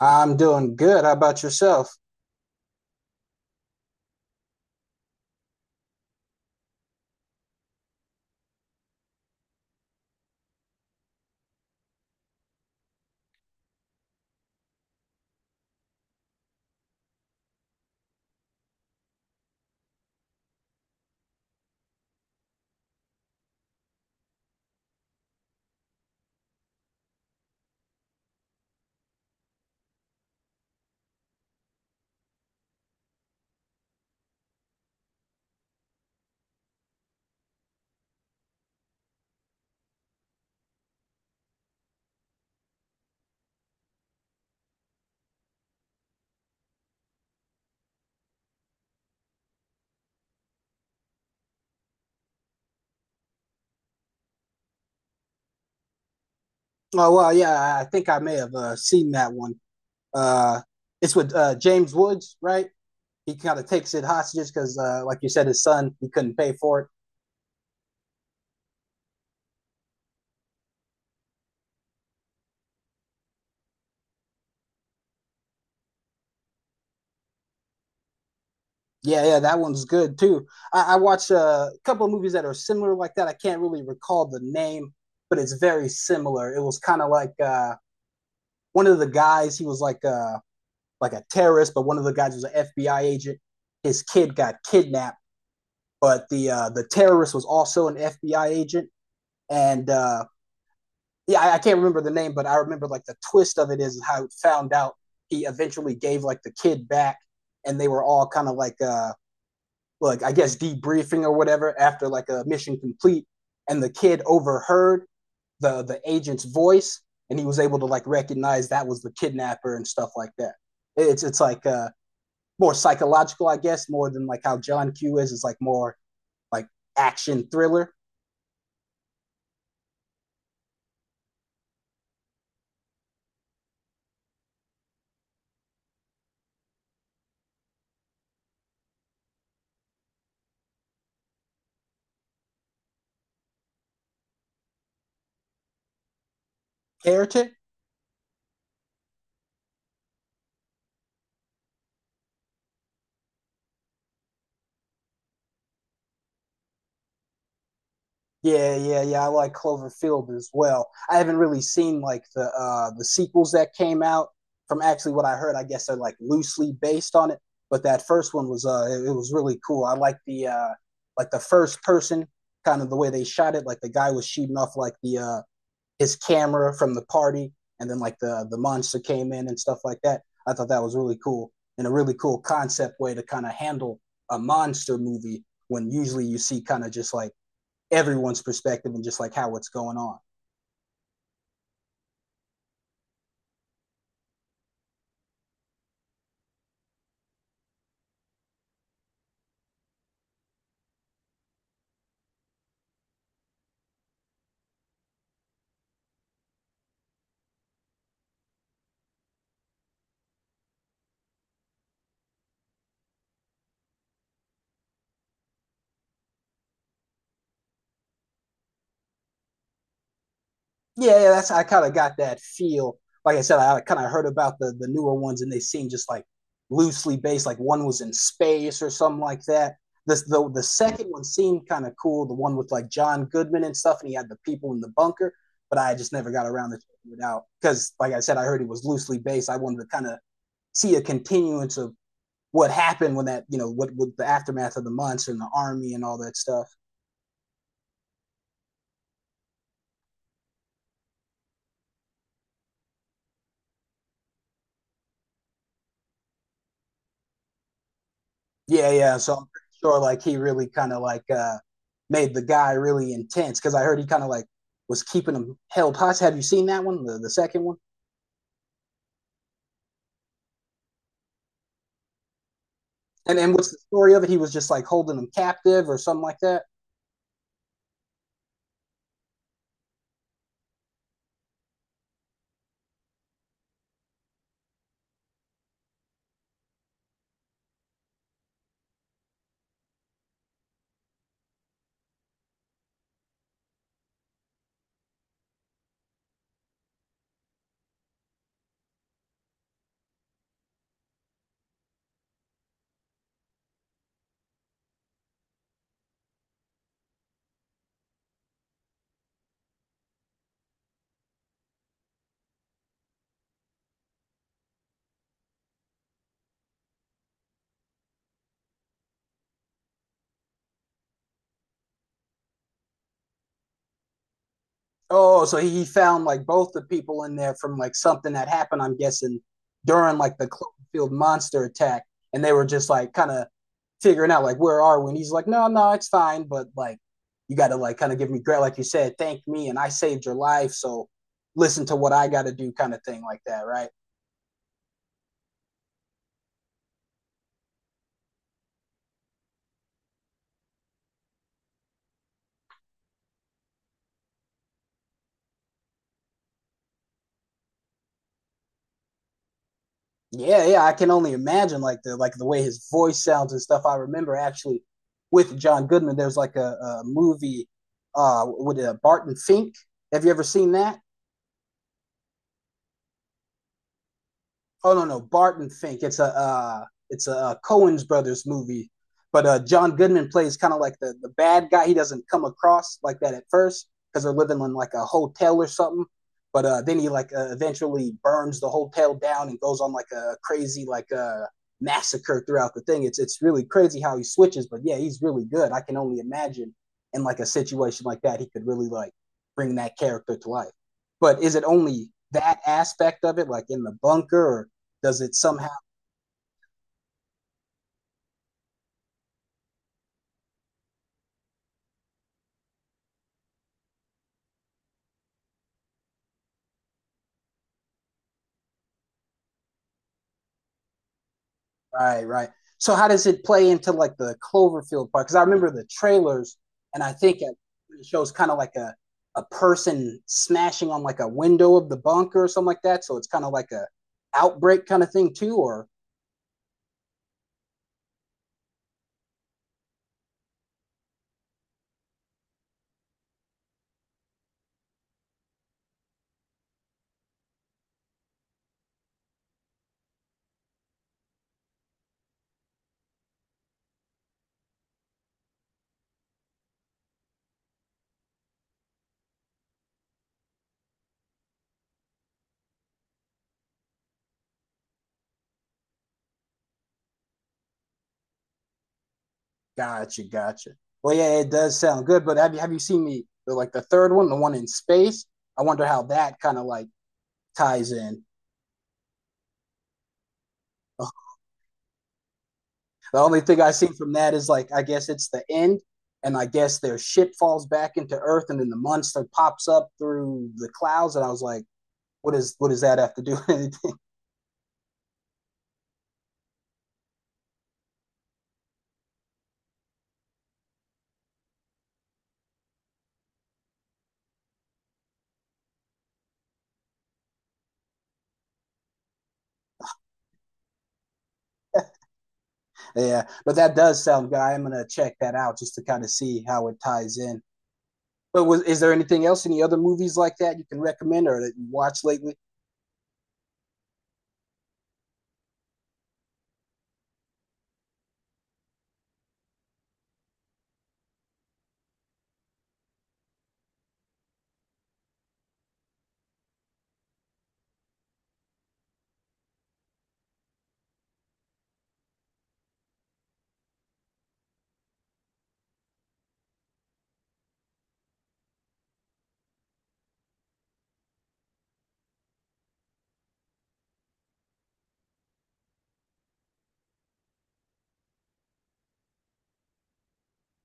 I'm doing good. How about yourself? Oh, well, yeah, I think I may have seen that one. Uh, it's with James Woods, right? He kind of takes it hostages because, like you said, his son, he couldn't pay for it. Yeah, yeah, that one's good too. I watched a couple of movies that are similar like that. I can't really recall the name, but it's very similar. It was kind of like one of the guys, he was like a terrorist, but one of the guys was an FBI agent. His kid got kidnapped, but the terrorist was also an FBI agent, and yeah, I can't remember the name, but I remember like the twist of it is how it found out he eventually gave like the kid back, and they were all kind of like I guess debriefing or whatever after like a mission complete, and the kid overheard the agent's voice, and he was able to like recognize that was the kidnapper and stuff like that. It's like more psychological, I guess, more than like how John Q is like more like action thriller. Heretic. Yeah, yeah, yeah. I like Cloverfield as well. I haven't really seen like the the sequels that came out. From actually what I heard, I guess they're like loosely based on it. But that first one was it, it was really cool. I like the like the first person kind of the way they shot it. Like the guy was shooting off like the his camera from the party, and then like the monster came in and stuff like that. I thought that was really cool and a really cool concept way to kind of handle a monster movie when usually you see kind of just like everyone's perspective and just like how it's going on. Yeah, yeah, that's I kind of got that feel. Like I said, I kind of heard about the newer ones and they seem just like loosely based. Like one was in space or something like that. This the second one seemed kind of cool. The one with like John Goodman and stuff, and he had the people in the bunker. But I just never got around to checking it out because, like I said, I heard it was loosely based. I wanted to kind of see a continuance of what happened when that you know what with the aftermath of the months and the army and all that stuff. Yeah, yeah. So I'm pretty sure like he really kind of like made the guy really intense because I heard he kind of like was keeping him held hostage. Have you seen that one, the second one? And what's the story of it? He was just like holding him captive or something like that. Oh, so he found like both the people in there from like something that happened, I'm guessing, during like the Cloverfield monster attack. And they were just like kind of figuring out like, where are we? And he's like, no, no, it's fine. But like, you got to like kind of give me credit. Like you said, thank me and I saved your life. So listen to what I got to do kind of thing like that. Right. Yeah. Yeah. I can only imagine like the way his voice sounds and stuff. I remember actually with John Goodman, there's like a movie with Barton Fink. Have you ever seen that? Oh no, no, Barton Fink. It's a Cohen's brothers movie, but John Goodman plays kind of like the bad guy. He doesn't come across like that at first because they're living in like a hotel or something. But then he like eventually burns the hotel down and goes on like a crazy like a massacre throughout the thing. It's really crazy how he switches. But yeah, he's really good. I can only imagine in like a situation like that, he could really like bring that character to life. But is it only that aspect of it, like in the bunker, or does it somehow? Right, right. So how does it play into like the Cloverfield part? Because I remember the trailers, and I think it shows kind of like a person smashing on like a window of the bunker or something like that. So it's kind of like a outbreak kind of thing too. Or gotcha, gotcha. Well, yeah, it does sound good. But have you seen the like the third one, the one in space? I wonder how that kind of like ties in. The only thing I see from that is like I guess it's the end, and I guess their ship falls back into Earth, and then the monster pops up through the clouds, and I was like, what is what does that have to do with anything? yeah, but that does sound good. I'm gonna check that out just to kind of see how it ties in. But was is there anything else? Any other movies like that you can recommend or that you watched lately?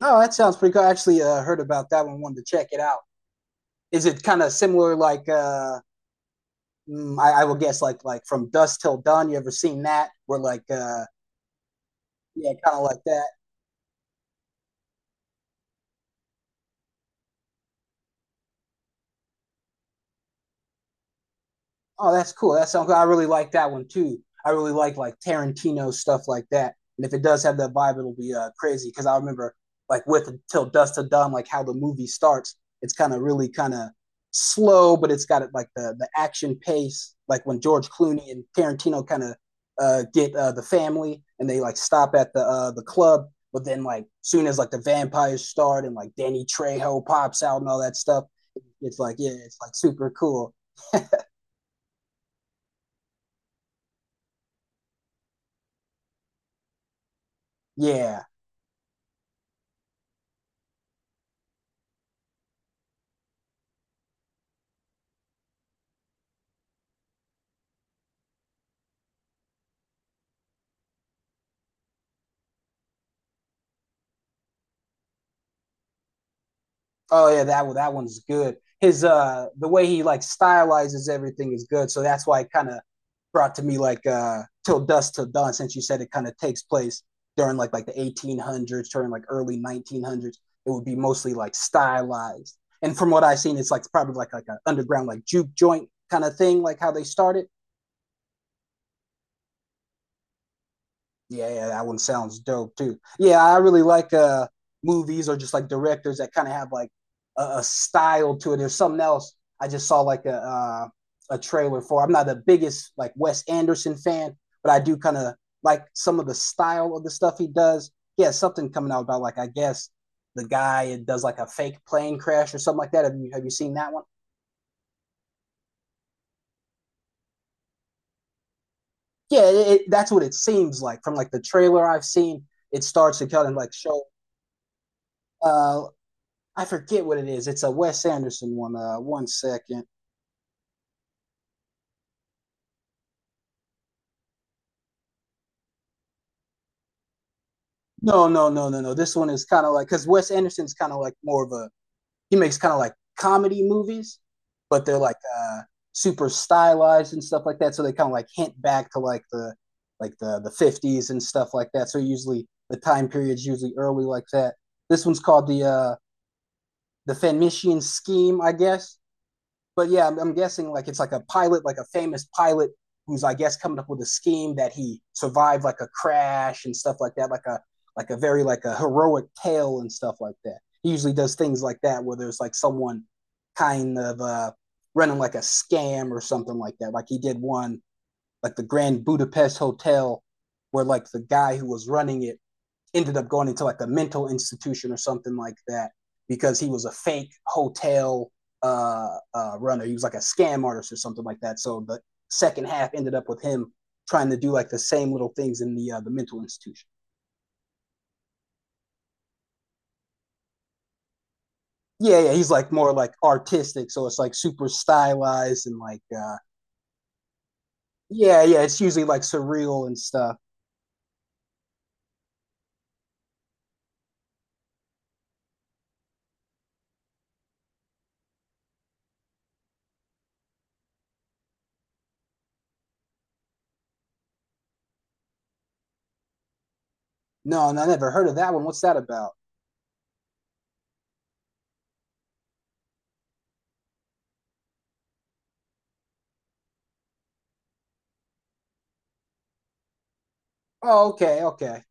Oh, that sounds pretty cool. I actually heard about that one. Wanted to check it out. Is it kind of similar like? I will guess like from dusk till dawn. You ever seen that? Where like yeah, kind of like that. Oh, that's cool. That sounds good. I really like that one too. I really like Tarantino stuff like that. And if it does have that vibe, it'll be crazy. Because I remember like with Till Dust to Dawn, like how the movie starts. It's kind of really kind of slow, but it's got it like the action pace. Like when George Clooney and Tarantino kind of get the family and they like stop at the club. But then like soon as like the vampires start and like Danny Trejo pops out and all that stuff, it's like yeah, it's like super cool. Yeah. Oh yeah, that one, that one's good. His the way he like stylizes everything is good. So that's why it kind of brought to me like Till Dusk Till Dawn since you said it kind of takes place during like the 1800s, during like early 1900s. It would be mostly like stylized. And from what I've seen it's like probably like an underground like juke joint kind of thing like how they started. Yeah, yeah, that one sounds dope too. Yeah, I really like movies or just like directors that kind of have like a style to it. There's something else I just saw like a trailer for. I'm not the biggest like Wes Anderson fan, but I do kind of like some of the style of the stuff he does. He has something coming out about like I guess the guy that does like a fake plane crash or something like that. Have you seen that one? Yeah, it, that's what it seems like from like the trailer I've seen. It starts to kind of like show uh, I forget what it is. It's a Wes Anderson one. One second. No, no, no, no, no. This one is kind of like because Wes Anderson's kind of like more of a he makes kind of like comedy movies, but they're like super stylized and stuff like that. So they kind of like hint back to like the like the fifties and stuff like that. So usually the time period's usually early like that. This one's called the Fenician Scheme, I guess. But yeah, I'm guessing like it's like a pilot, like a famous pilot who's I guess coming up with a scheme that he survived like a crash and stuff like that, like a very like a heroic tale and stuff like that. He usually does things like that where there's like someone kind of running like a scam or something like that. Like he did one like the Grand Budapest Hotel where like the guy who was running it ended up going into like a mental institution or something like that because he was a fake hotel uh, runner. He was like a scam artist or something like that. So the second half ended up with him trying to do like the same little things in the mental institution. Yeah, yeah, he's like more like artistic, so it's like super stylized and like yeah, yeah, it's usually like surreal and stuff. No, no, I never heard of that one. What's that about? Oh, okay, okay.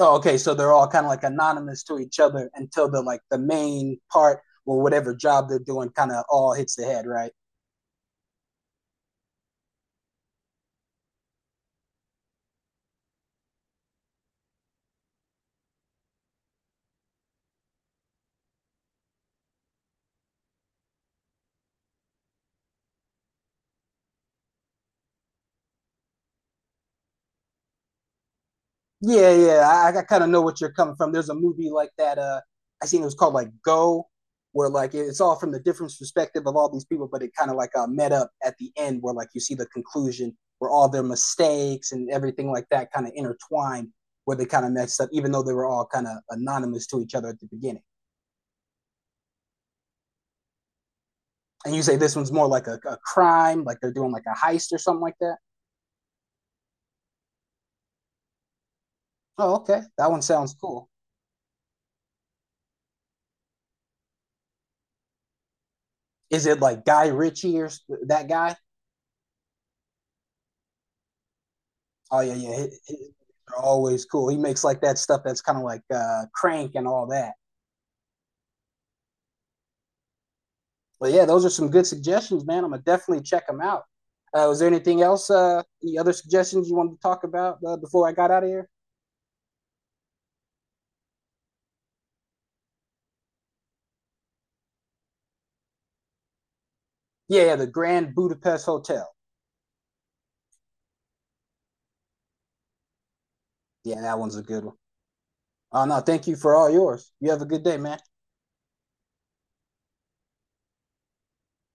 Oh, okay. So they're all kind of like anonymous to each other until the like the main part or whatever job they're doing kind of all hits the head, right? Yeah, yeah. I kind of know what you're coming from. There's a movie like that. I seen it was called like Go, where like it's all from the different perspective of all these people, but it kind of like met up at the end where like you see the conclusion where all their mistakes and everything like that kind of intertwined, where they kind of messed up, even though they were all kind of anonymous to each other at the beginning. And you say this one's more like a crime, like they're doing like a heist or something like that. Oh, okay, that one sounds cool. Is it like Guy Ritchie or that guy? Oh yeah, yeah, he, they're always cool. He makes like that stuff that's kind of like Crank and all that. But yeah, those are some good suggestions, man. I'm gonna definitely check them out. Was there anything else? The other suggestions you wanted to talk about before I got out of here? Yeah, yeah, the Grand Budapest Hotel. Yeah, that one's a good one. Oh no, thank you for all yours. You have a good day, man.